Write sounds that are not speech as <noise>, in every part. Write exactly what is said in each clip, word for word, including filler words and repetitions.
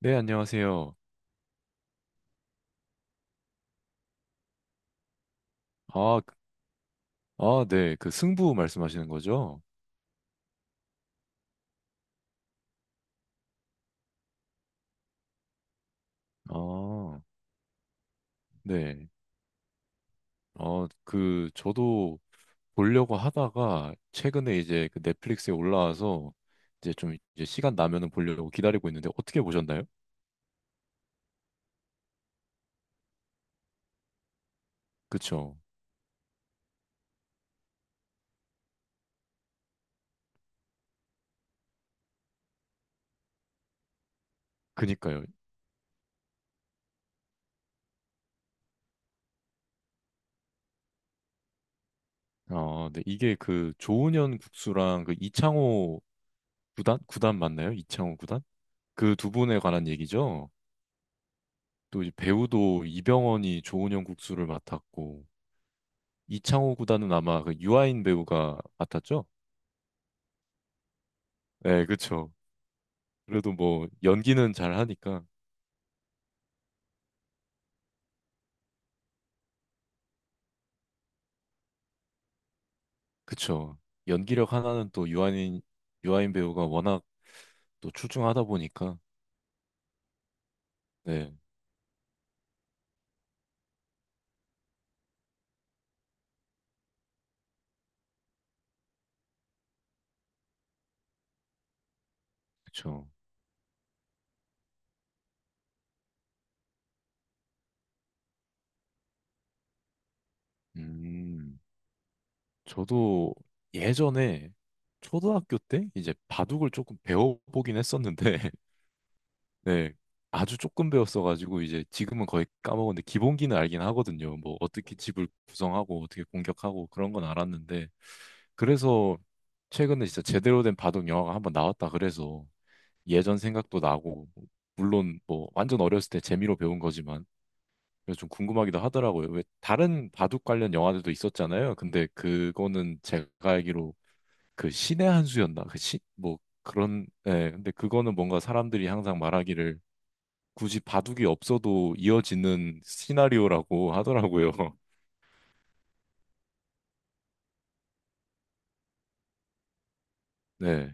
네, 안녕하세요. 아, 그- 아, 네. 그 승부 말씀하시는 거죠? 아, 네. 어, 그 저도 보려고 하다가 최근에 이제 그 넷플릭스에 올라와서 이제 좀 이제 시간 나면은 보려고 기다리고 있는데 어떻게 보셨나요? 그쵸? 그니까요. 아, 네. 이게 그 조은현 국수랑 그 이창호 구단? 구단 맞나요? 이창호 구단? 그 두 분에 관한 얘기죠? 또 이제 배우도 이병헌이 조은현 국수를 맡았고 이창호 구단은 아마 그 유아인 배우가 맡았죠? 네, 그쵸. 그래도 뭐 연기는 잘 하니까 그쵸. 연기력 하나는 또 유아인 유아인 배우가 워낙 또 출중하다 보니까 네, 그쵸. 음, 저도 예전에 초등학교 때 이제 바둑을 조금 배워보긴 했었는데 <laughs> 네, 아주 조금 배웠어 가지고 이제 지금은 거의 까먹었는데 기본기는 알긴 하거든요. 뭐 어떻게 집을 구성하고 어떻게 공격하고 그런 건 알았는데 그래서 최근에 진짜 제대로 된 바둑 영화가 한번 나왔다 그래서 예전 생각도 나고 물론 뭐 완전 어렸을 때 재미로 배운 거지만 그래서 좀 궁금하기도 하더라고요. 왜 다른 바둑 관련 영화들도 있었잖아요. 근데 그거는 제가 알기로 그 신의 한 수였나? 그 시, 뭐 그런 예. 근데 그거는 뭔가 사람들이 항상 말하기를 굳이 바둑이 없어도 이어지는 시나리오라고 하더라고요. <laughs> 네,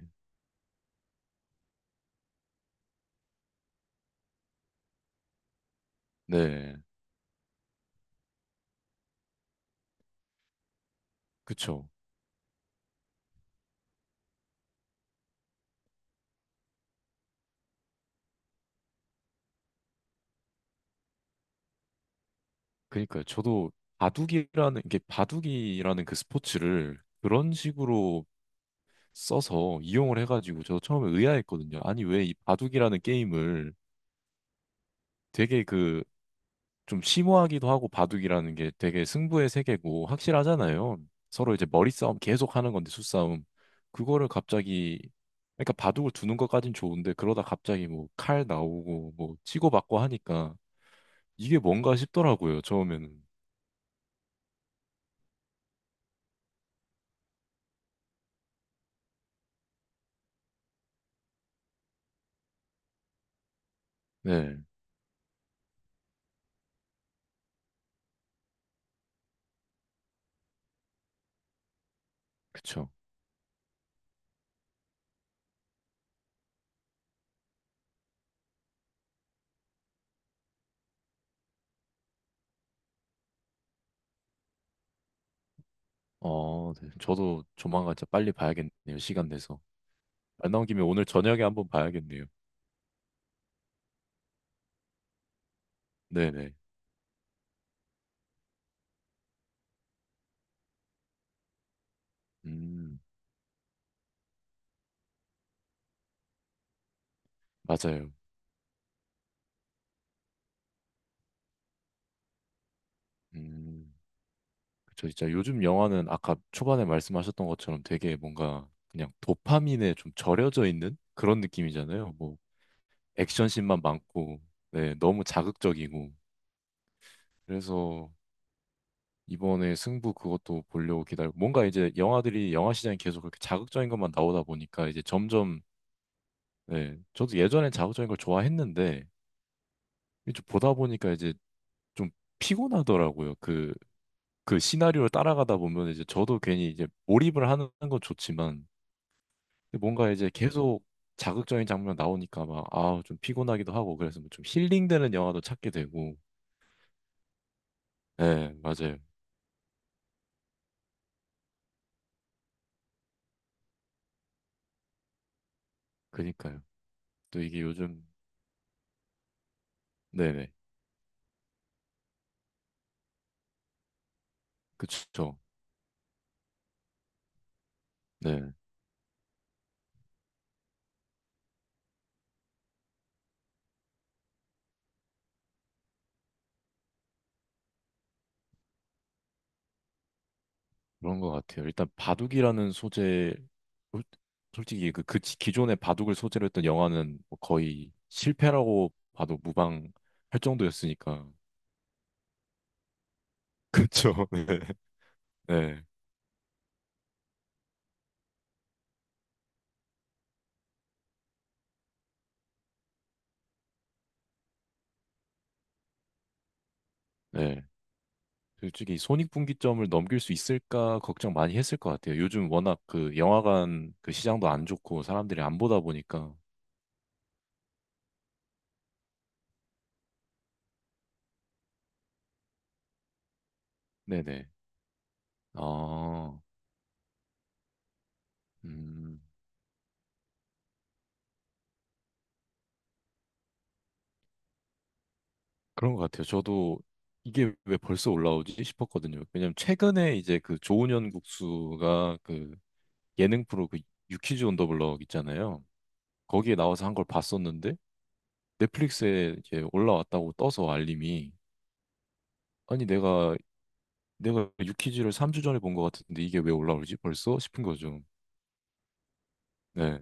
네, 그쵸. 그러니까요. 저도 바둑이라는 이게 바둑이라는 그 스포츠를 그런 식으로 써서 이용을 해가지고 저도 처음에 의아했거든요. 아니 왜 이 바둑이라는 게임을 되게 그 좀 심오하기도 하고 바둑이라는 게 되게 승부의 세계고 확실하잖아요. 서로 이제 머리싸움 계속 하는 건데 수싸움. 그거를 갑자기 그러니까 바둑을 두는 것까진 좋은데 그러다 갑자기 뭐 칼 나오고 뭐 치고받고 하니까 이게 뭔가 싶더라고요. 처음에는. 네. 그쵸. 어, 네. 저도 조만간 진짜 빨리 봐야겠네요. 시간 내서. 말 나온 김에 오늘 저녁에 한번 봐야겠네요. 네네. 음, 맞아요. 음. 그쵸, 진짜 요즘 영화는 아까 초반에 말씀하셨던 것처럼 되게 뭔가 그냥 도파민에 좀 절여져 있는 그런 느낌이잖아요. 뭐 액션씬만 많고, 네, 너무 자극적이고. 그래서 이번에 승부 그것도 보려고 기다리고 뭔가 이제 영화들이 영화 시장이 계속 그렇게 자극적인 것만 나오다 보니까 이제 점점 네, 저도 예전엔 자극적인 걸 좋아했는데 이제 좀 보다 보니까 이제 좀 피곤하더라고요. 그 그 시나리오를 따라가다 보면 이제 저도 괜히 이제 몰입을 하는 건 좋지만 뭔가 이제 계속 자극적인 장면 나오니까 막, 아, 좀 피곤하기도 하고, 그래서 뭐좀 힐링되는 영화도 찾게 되고. 네, 맞아요. 그니까요. 또 이게 요즘, 네네. 그쵸. 네. 그런 것 같아요. 일단 바둑이라는 소재, 솔- 솔직히 그, 그 지- 기존의 바둑을 소재로 했던 영화는 뭐 거의 실패라고 봐도 무방할 정도였으니까. <laughs> 그쵸. 네. 네. 네. 솔직히 손익분기점을 넘길 수 있을까 걱정 많이 했을 것 같아요. 요즘 워낙 그 영화관 그 시장도 안 좋고 사람들이 안 보다 보니까. 네네. 아, 음, 그런 것 같아요. 저도 이게 왜 벌써 올라오지 싶었거든요. 왜냐면 최근에 이제 그 조은현 국수가 그 예능 프로 그 유퀴즈 온 더 블럭 있잖아요. 거기에 나와서 한 걸 봤었는데 넷플릭스에 이제 올라왔다고 떠서 알림이 아니 내가 내가 유퀴즈를 삼 주 전에 본 것 같은데 이게 왜 올라오지 벌써? 싶은 거죠. 네,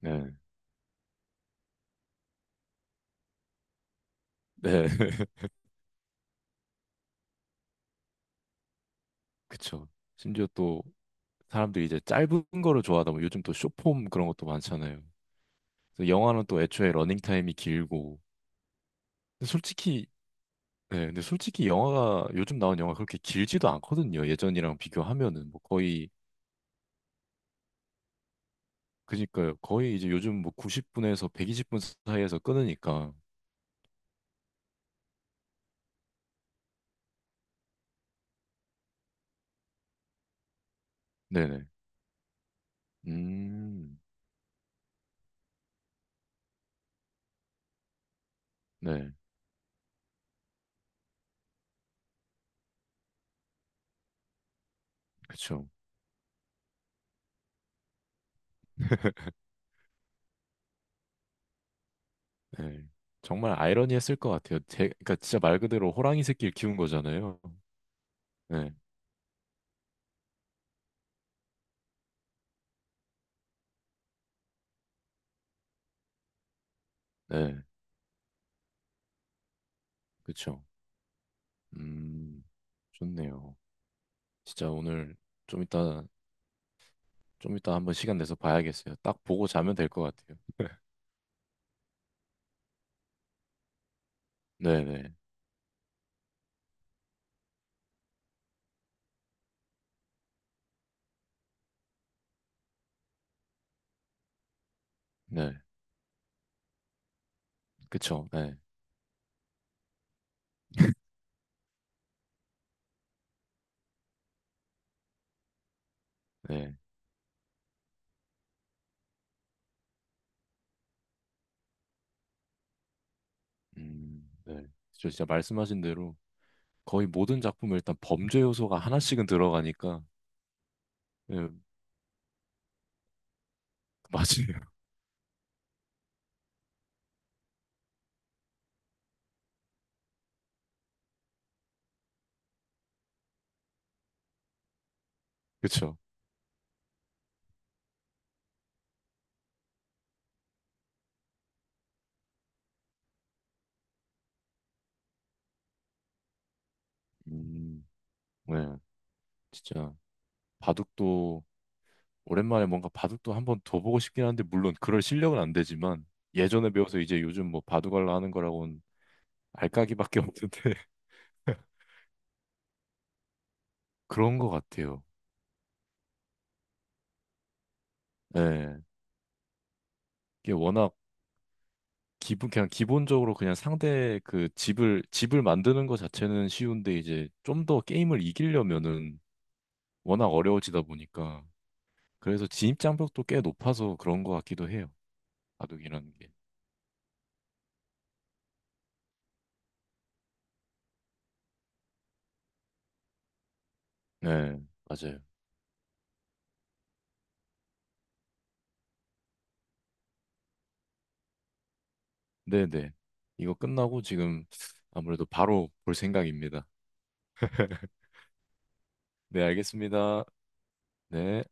네, 네. <laughs> 그쵸. 심지어 또 사람들이 이제 짧은 거를 좋아하다 보면 요즘 또 숏폼 그런 것도 많잖아요. 그래서 영화는 또 애초에 러닝타임이 길고. 근데 솔직히, 네, 근데 솔직히 영화가, 요즘 나온 영화 그렇게 길지도 않거든요. 예전이랑 비교하면은. 뭐 거의, 그니까요. 거의 이제 요즘 뭐 구십 분에서 백이십 분 사이에서 끊으니까. 네네. 음, 네. 그쵸. 네. 정말 아이러니했을 것 같아요. 제, 그러니까 진짜 말 그대로 호랑이 새끼를 키운 거잖아요. 네, 네, 그쵸. 음, 좋네요. 진짜 오늘 좀 이따, 좀 이따 한번 시간 내서 봐야겠어요. 딱 보고 자면 될 것 같아요. 네, 네, 네, 그쵸. 네, 네, 음, 네. 저 진짜 말씀하신 대로 거의 모든 작품에 일단 범죄 요소가 하나씩은 들어가니까, 네, 맞아요. <laughs> 그쵸. 음, 네, 진짜 바둑도 오랜만에 뭔가 바둑도 한번 더 보고 싶긴 한데 물론 그럴 실력은 안 되지만 예전에 배워서 이제 요즘 뭐 바둑알라 하는 거라고는 알까기밖에 없는데 <laughs> 그런 것 같아요. 예. 이게 워낙 기본 그냥 기본적으로 그냥 상대 그 집을 집을 만드는 것 자체는 쉬운데 이제 좀 더 게임을 이기려면은 워낙 어려워지다 보니까 그래서 진입 장벽도 꽤 높아서 그런 것 같기도 해요. 바둑이라는 게. 네, 맞아요. 네네. 이거 끝나고 지금 아무래도 바로 볼 생각입니다. <laughs> 네, 알겠습니다. 네.